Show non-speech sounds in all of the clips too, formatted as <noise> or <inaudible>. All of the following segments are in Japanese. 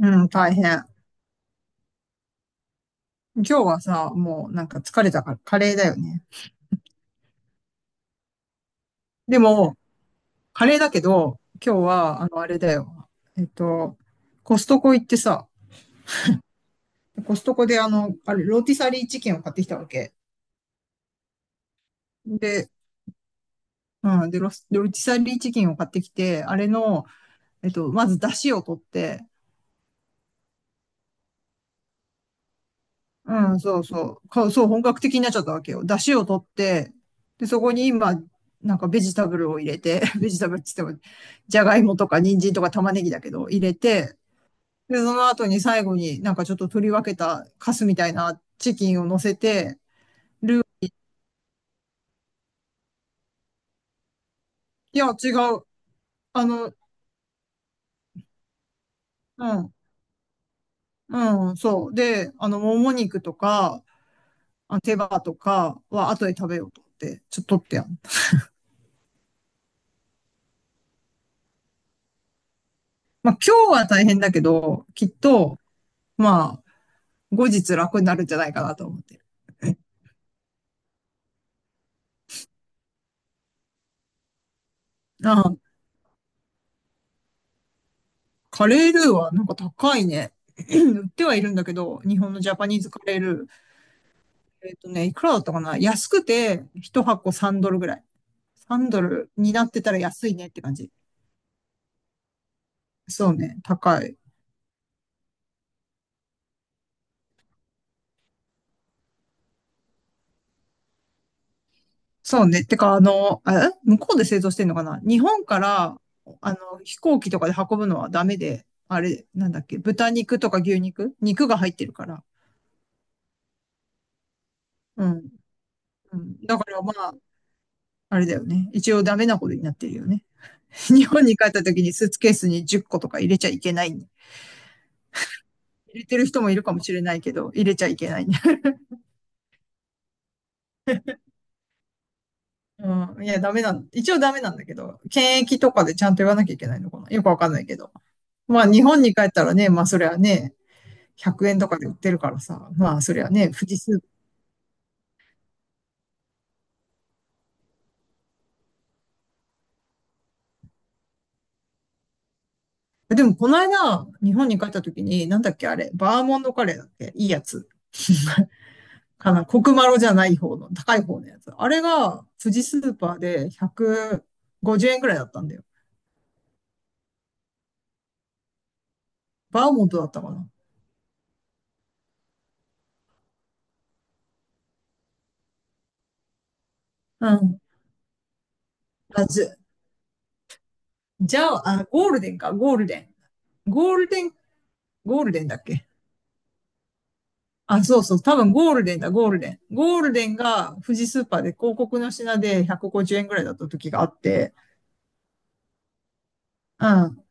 うん、大変。今日はさ、もうなんか疲れたからカレーだよね。でも、カレーだけど、今日は、あれだよ。えっと、コストコ行ってさ、コストコであの、あれ、ローティサリーチキンを買ってきたわけ。で、うん、で、ローティサリーチキンを買ってきて、あれの、まず出汁を取って、うん、そうそう。そう、本格的になっちゃったわけよ。出汁を取って、で、そこに今、なんかベジタブルを入れて、<laughs> ベジタブルって言っても、じゃがいもとか人参とか玉ねぎだけど、入れて、で、その後に最後になんかちょっと取り分けたカスみたいなチキンを乗せて、いや、違う。あの、うん、うん、そう。で、もも肉とか、あ手羽とかは後で食べようと思って、ちょっと取ってやん。まあ、今日は大変だけど、きっと、まあ、後日楽になるんじゃないかなと思ってる。あカレールーはなんか高いね。<clears throat> 売ってはいるんだけど、日本のジャパニーズカレールー。いくらだったかな、安くて、1箱3ドルぐらい。3ドルになってたら安いねって感じ。そうね、高い。そうね。てか、え、向こうで製造してんのかな、日本から、飛行機とかで運ぶのはダメで、あれ、なんだっけ、豚肉とか牛肉、肉が入ってるから。うん。うん、だからまあ、あれだよね。一応ダメなことになってるよね。<laughs> 日本に帰った時にスーツケースに10個とか入れちゃいけない。入れてる人もいるかもしれないけど、入れちゃいけない。 <laughs> うん。いや、ダメなん、一応ダメなんだけど、検疫とかでちゃんと言わなきゃいけないのかな。よくわかんないけど。まあ、日本に帰ったらね、まあ、それはね、100円とかで売ってるからさ、まあ、それはね、富士スーパーでも、この間、日本に帰った時に、なんだっけ、あれ、バーモンドカレーだっけ、いいやつ。かな、コクマロじゃない方の、高い方のやつ。あれが、富士スーパーで150円く、ごじゅうえんくらいだったんだよ。バーモントだったかな。うん。あ、じゃ、じゃあ、ゴールデンか、ゴールデン。ゴールデン、ゴールデンだっけ？あ、そうそう、多分ゴールデンだ、ゴールデン。ゴールデンが富士スーパーで広告の品で150円く、ごじゅうえんくらいだった時があって、うん。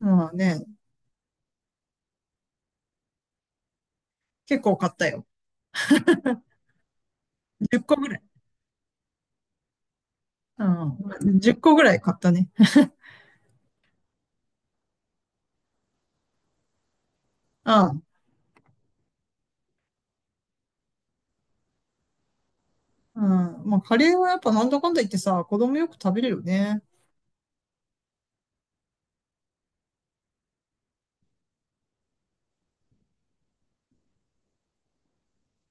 まあね、結構買ったよ。10個ぐらい。うん。1個ぐらい買ったね。うん。うん。まあ、カレーはやっぱなんだかんだ言ってさ、子供よく食べれるよね。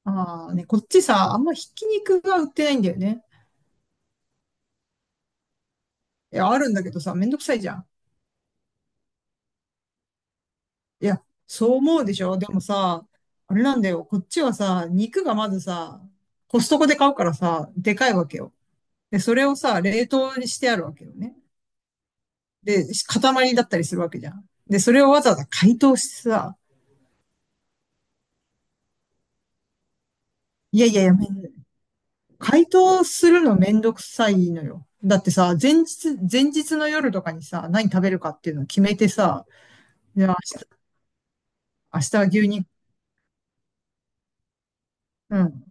ああね、こっちさ、あんまひき肉が売ってないんだよね。いや、あるんだけどさ、めんどくさいじゃん。いや、そう思うでしょ、でもさ、あれなんだよ。こっちはさ、肉がまずさ、コストコで買うからさ、でかいわけよ。で、それをさ、冷凍にしてあるわけよね。で、塊だったりするわけじゃん。で、それをわざわざ解凍してさ、いやいやいや、解凍するのめんどくさいのよ。だってさ、前日の夜とかにさ、何食べるかっていうのを決めてさ、じゃあ明日は牛肉、うん。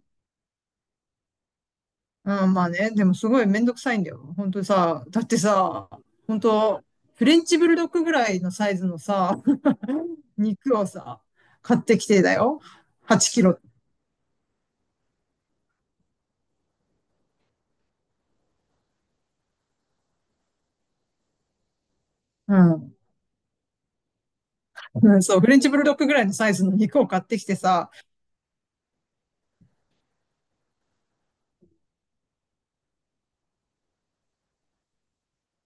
うん、まあね、でもすごいめんどくさいんだよ。本当さ、だってさ、本当フレンチブルドッグぐらいのサイズのさ、<laughs> 肉をさ、買ってきてだよ。8キロ。うん。うん、そう、フレンチブルドッグぐらいのサイズの肉を買ってきてさ、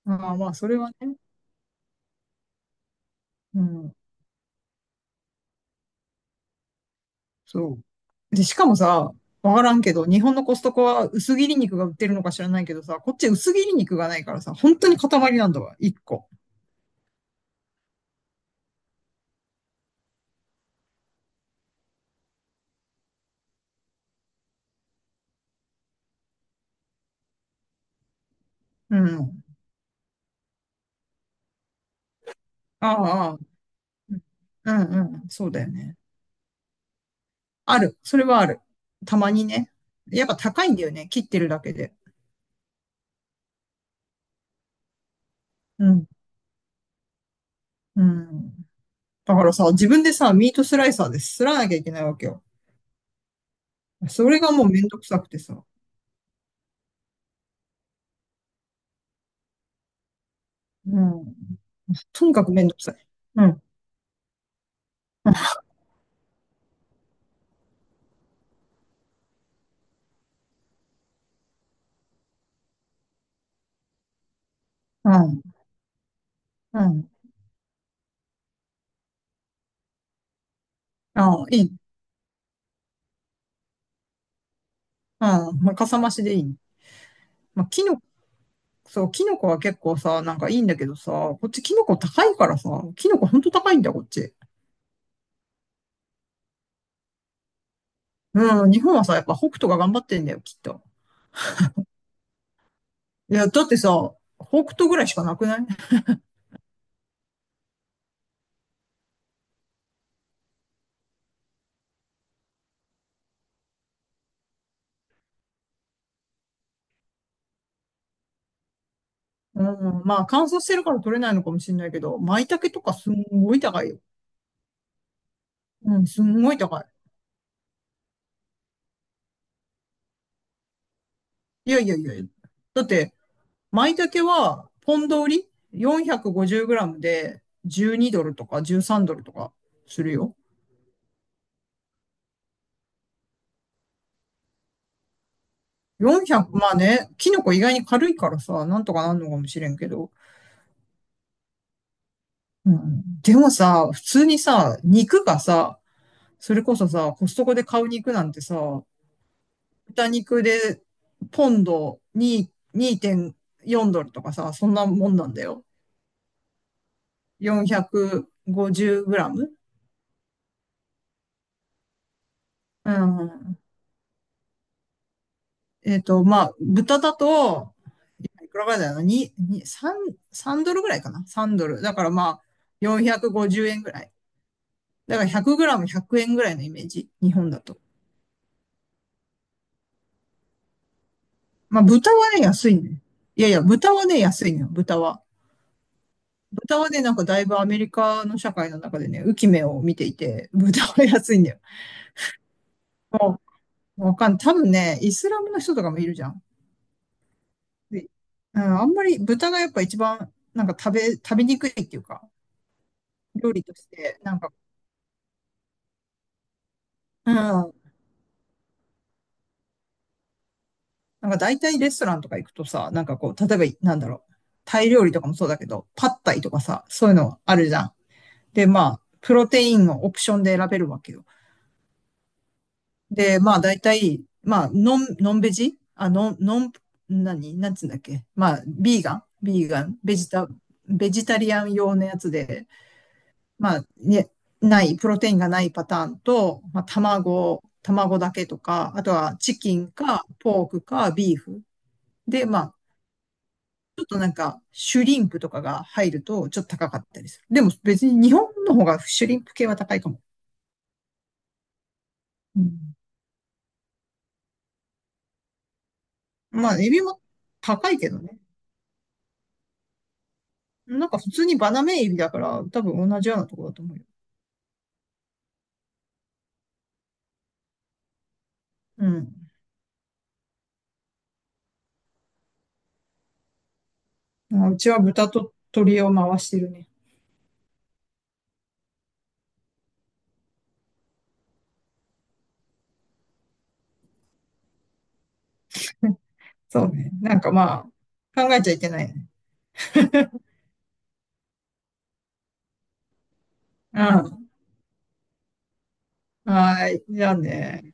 ああ、まあ、それはね、うん。そう。で、しかもさ、わからんけど、日本のコストコは薄切り肉が売ってるのか知らないけどさ、こっち薄切り肉がないからさ、本当に塊なんだわ、一個。うん。ああ、うんうんうん、そうだよね。ある。それはある。たまにね。やっぱ高いんだよね、切ってるだけで。うん。うん。だからさ、自分でさ、ミートスライサーで擦らなきゃいけないわけよ。それがもうめんどくさくてさ。うん。とにかくめんどくさい。うん。うん。うん。ああ、いい。うん。まあ、かさ増しでいいね。まあ、キノコ、そう、キノコは結構さ、なんかいいんだけどさ、こっちキノコ高いからさ、キノコほんと高いんだよ、こっち。うん、日本はさ、やっぱ北斗が頑張ってんだよ、きっと。いや、だってさ、北斗ぐらいしかなくない？ <laughs> うん、まあ乾燥してるから取れないのかもしれないけど、舞茸とかすんごい高いよ。うん、すんごい高い。いやいやいやいや。だって、舞茸は、ポンド売り？ 450 グラムで12ドルとか13ドルとかするよ。400、まあね、キノコ意外に軽いからさ、なんとかなんのかもしれんけど。うん、でもさ、普通にさ、肉がさ、それこそさ、コストコで買う肉なんてさ、豚肉でポンド2、 2.4ドルとかさ、そんなもんなんだよ。450グラム、うん。まあ、豚だと、いくらぐらいだよな、2、3、3ドルぐらいかな？ 3 ドル。だからまあ、450円ぐらい。だから1 0 0ム、1 0 0円ぐらいのイメージ。日本だと。まあ、豚はね、安いね。いやいや、豚はね、安いのよ、豚は。豚はね、なんかだいぶアメリカの社会の中でね、浮き目を見ていて、豚は安いんだよ。もう、わかんない。多分ね、イスラムの人とかもいるじゃん。で、うん、あんまり豚がやっぱ一番、なんか食べにくいっていうか、料理として、なんか、うん、なんか大体レストランとか行くとさ、なんかこう、例えば、なんだろう、タイ料理とかもそうだけど、パッタイとかさ、そういうのあるじゃん。で、まあ、プロテインをオプションで選べるわけよ。で、まあ、大体、まあ、ノン、ノンベジあ、ノン、ノン、何なんつうんだっけ、まあ、ビーガンビーガンベジタ、ベジタリアン用のやつで、まあ、ね、ない、プロテインがないパターンと、まあ、卵だけとか、あとはチキンか、ポークか、ビーフ。で、まあ、ちょっとなんか、シュリンプとかが入ると、ちょっと高かったりする。でも別に日本の方がシュリンプ系は高いかも。うん、まあ、エビも高いけどね。なんか普通にバナメイエビだから、多分同じようなところだと思うよ。うん。うちは豚と鶏を回してるね。そうね。なんかまあ、考えちゃいけないね。<laughs> うん。はい。じゃあね。